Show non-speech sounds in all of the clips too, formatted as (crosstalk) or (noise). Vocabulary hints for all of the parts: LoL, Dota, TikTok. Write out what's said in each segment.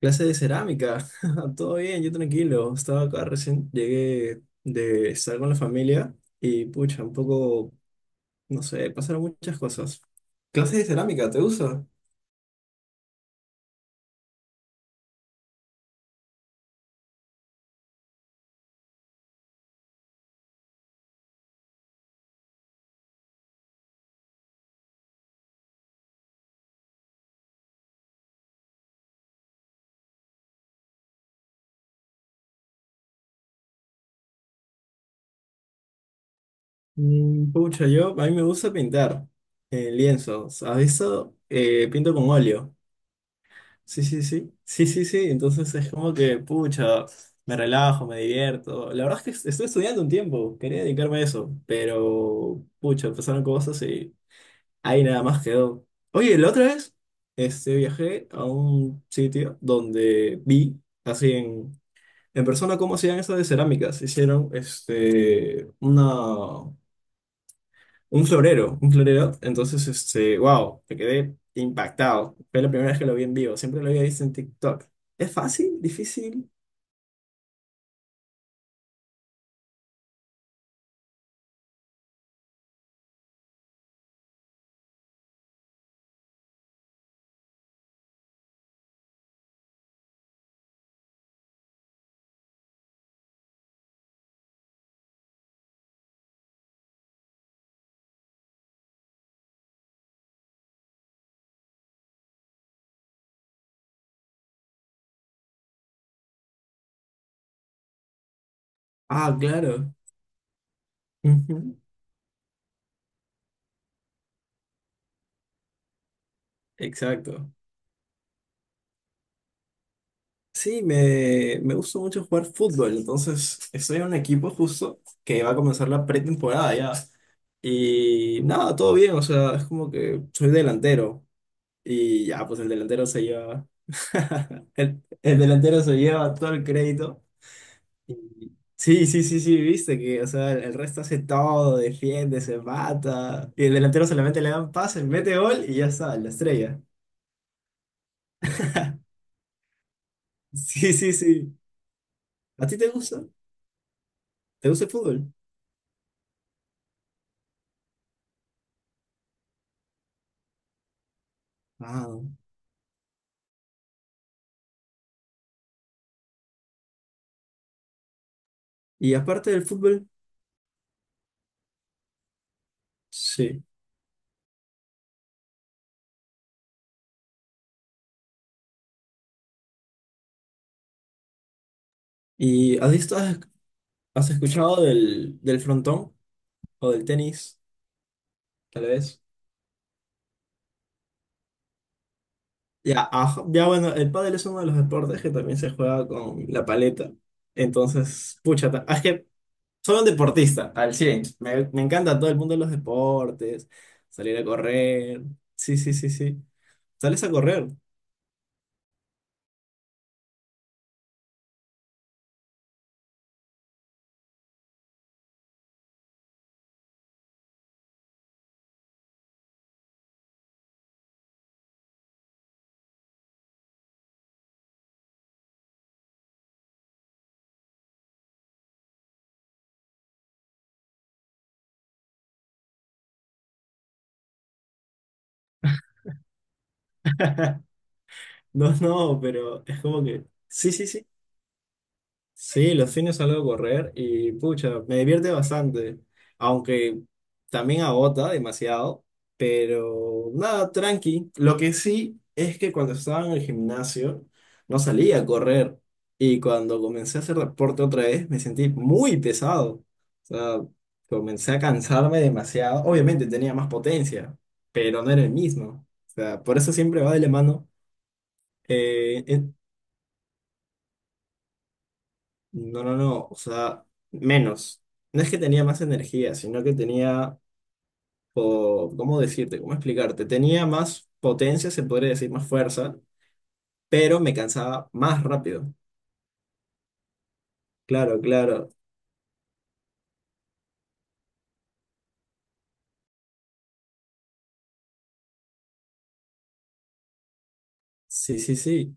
Clase de cerámica. (laughs) Todo bien, yo tranquilo. Estaba acá recién, llegué de estar con la familia y pucha, un poco, no sé, pasaron muchas cosas. Clase de cerámica, ¿te gusta? Pucha, a mí me gusta pintar en lienzos. A veces pinto con óleo. Sí, sí, sí. Sí, sí, sí. Entonces es como que, pucha, me relajo, me divierto. La verdad es que estoy estudiando un tiempo, quería dedicarme a eso, pero, pucha, pasaron cosas y... Ahí nada más quedó. Oye, la otra vez viajé a un sitio donde vi, en persona, cómo hacían eso de cerámicas. Hicieron un florero, un florero. Entonces, este, wow, me quedé impactado. Fue la primera vez que lo vi en vivo. Siempre lo había visto en TikTok. ¿Es fácil? ¿Difícil? Ah, claro. Ujú. Exacto. Sí, me gusta mucho jugar fútbol. Entonces, estoy en un equipo justo que va a comenzar la pretemporada ya. Y nada, todo bien, o sea, es como que soy delantero. Y ya, pues el delantero se lleva. (laughs) El delantero se lleva todo el crédito. Y sí, sí, sí, sí, viste que, o sea, el resto hace todo, defiende, se mata. Y el delantero solamente le dan pases, mete gol y ya está, la estrella. (laughs) Sí, sí, sí. ¿A ti te gusta? ¿Te gusta el fútbol? Ah. Y aparte del fútbol, sí. ¿Y has visto, has escuchado del frontón o del tenis, tal vez? Ya, ajá, ya bueno, el pádel es uno de los deportes que también se juega con la paleta. Entonces, pucha, es que soy un deportista al 100. Me encanta todo el mundo de los deportes, salir a correr. Sí, sí, sí, sí. Sales a correr. (laughs) No, no, pero es como que... Sí, sí, sí. Sí, los fines salgo a correr y pucha, me divierte bastante, aunque también agota demasiado, pero nada, tranqui. Lo que sí es que cuando estaba en el gimnasio no salía a correr y cuando comencé a hacer deporte otra vez me sentí muy pesado. O sea, comencé a cansarme demasiado. Obviamente tenía más potencia, pero no era el mismo. O sea, por eso siempre va de la mano. Eh, No, no, no, o sea, menos. No es que tenía más energía, sino que tenía, ¿cómo decirte? ¿Cómo explicarte? Tenía más potencia, se podría decir, más fuerza, pero me cansaba más rápido. Claro, claro. Sí, sí, sí.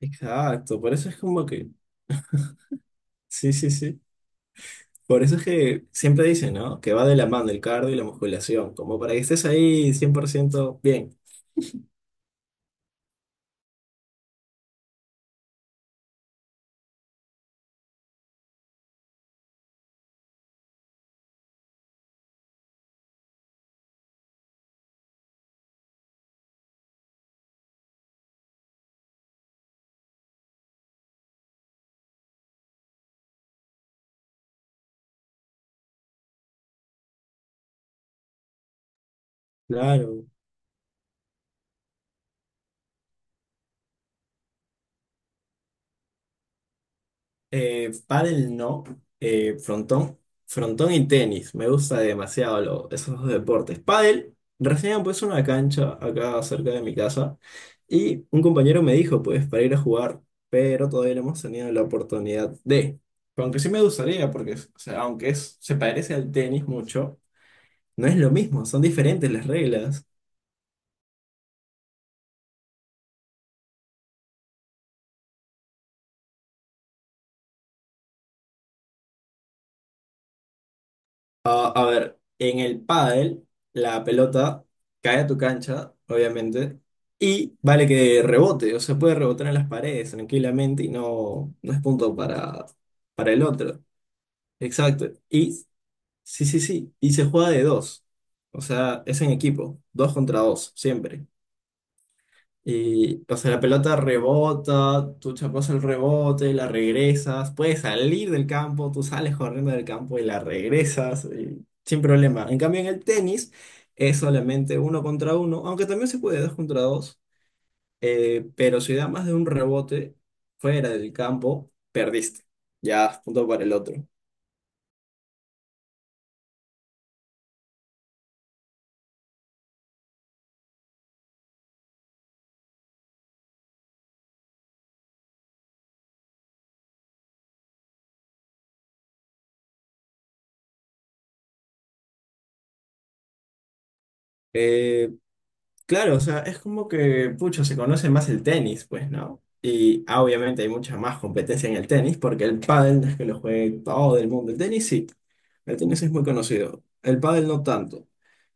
Exacto. Por eso es como que... Sí, sí, sí. Por eso es que siempre dicen, ¿no? Que va de la mano el cardio y la musculación, como para que estés ahí 100% bien. Claro. Pádel no, frontón, frontón y tenis, me gusta demasiado esos dos deportes. Pádel, recién pues una cancha acá cerca de mi casa y un compañero me dijo pues para ir a jugar, pero todavía no hemos tenido la oportunidad de, aunque sí me gustaría porque o sea, aunque es, se parece al tenis mucho, no es lo mismo, son diferentes las reglas. A ver, en el pádel, la pelota cae a tu cancha, obviamente, y vale que rebote, o sea, puede rebotar en las paredes tranquilamente y no, no es punto para el otro. Exacto. Y sí, sí, sí. Y se juega de dos. O sea, es en equipo, dos contra dos, siempre. Y, o sea, la pelota rebota, tú chapas el rebote, la regresas, puedes salir del campo, tú sales corriendo del campo y la regresas, y sin problema. En cambio, en el tenis es solamente uno contra uno, aunque también se puede dos contra dos, pero si da más de un rebote fuera del campo, perdiste. Ya, punto para el otro. Eh, Claro, o sea, es como que, pucha, se conoce más el tenis, pues, ¿no? Y ah, obviamente hay mucha más competencia en el tenis, porque el pádel no es que lo juegue todo el mundo. El tenis sí, el tenis es muy conocido, el pádel no tanto.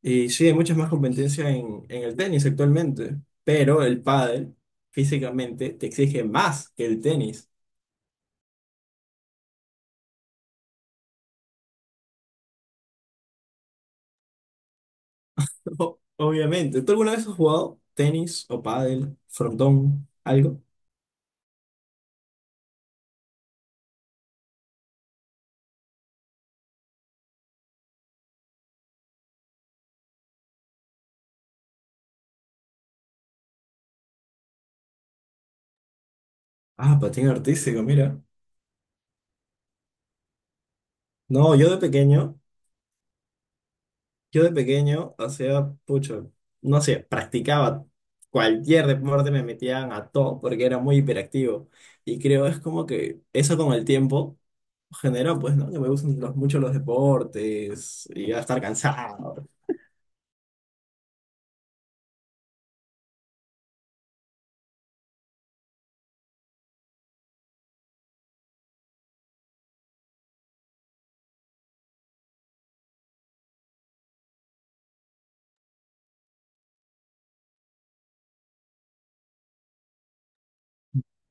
Y sí, hay mucha más competencia en el tenis actualmente, pero el pádel físicamente te exige más que el tenis. (laughs) O- obviamente. ¿Tú alguna vez has jugado tenis o pádel, frontón, algo? Ah, patín artístico, mira. No, yo de pequeño. Yo de pequeño hacía, pucho, no sé, practicaba cualquier deporte, me metían a todo porque era muy hiperactivo. Y creo es como que eso con el tiempo genera, pues, ¿no? Que me gustan mucho los deportes y a estar cansado.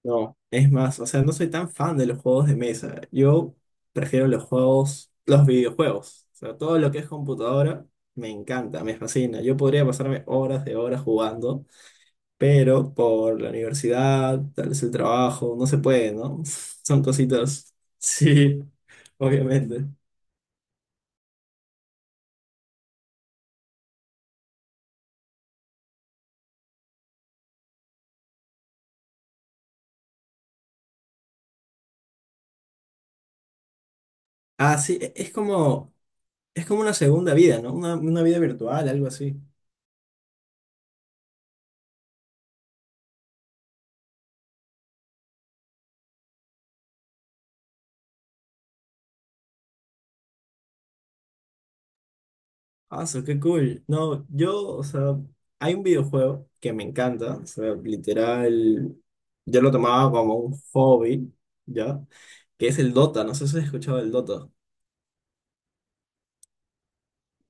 No, es más, o sea, no soy tan fan de los juegos de mesa. Yo prefiero los juegos, los videojuegos. O sea, todo lo que es computadora me encanta, me fascina. Yo podría pasarme horas de horas jugando, pero por la universidad, tal vez el trabajo, no se puede, ¿no? (laughs) Son cositas. Sí, obviamente. Ah, sí, es como una segunda vida, ¿no? Una vida virtual, algo así. Ah, so, qué cool. No, yo, o sea, hay un videojuego que me encanta, o sea, literal, yo lo tomaba como un hobby, ¿ya? Que es el Dota, no sé si has escuchado el Dota.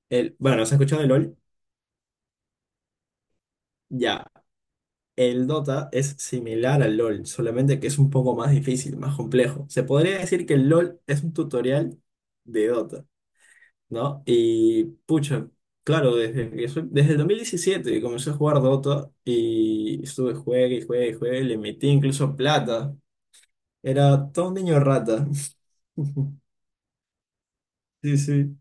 El, bueno, ¿se ha escuchado el LOL? Ya. El Dota es similar al LoL, solamente que es un poco más difícil, más complejo. Se podría decir que el LoL es un tutorial de Dota, ¿no? Y pucha, claro, desde el 2017, que comencé a jugar Dota y estuve juegue y juegue y juegue, le metí incluso plata. Era todo un niño rata. (laughs) Sí, sí.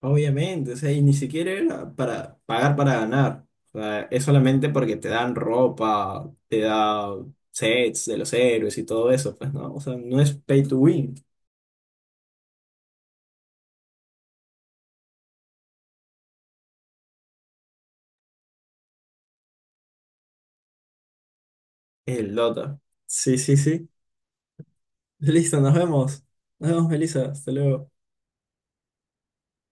Obviamente, o sea, y ni siquiera era para pagar para ganar. O sea, es solamente porque te dan ropa, te da sets de los héroes y todo eso, pues no, o sea, no es pay to win, es el Dota. Sí, sí, sí. Listo, nos vemos. Nos vemos, Melissa. Hasta luego.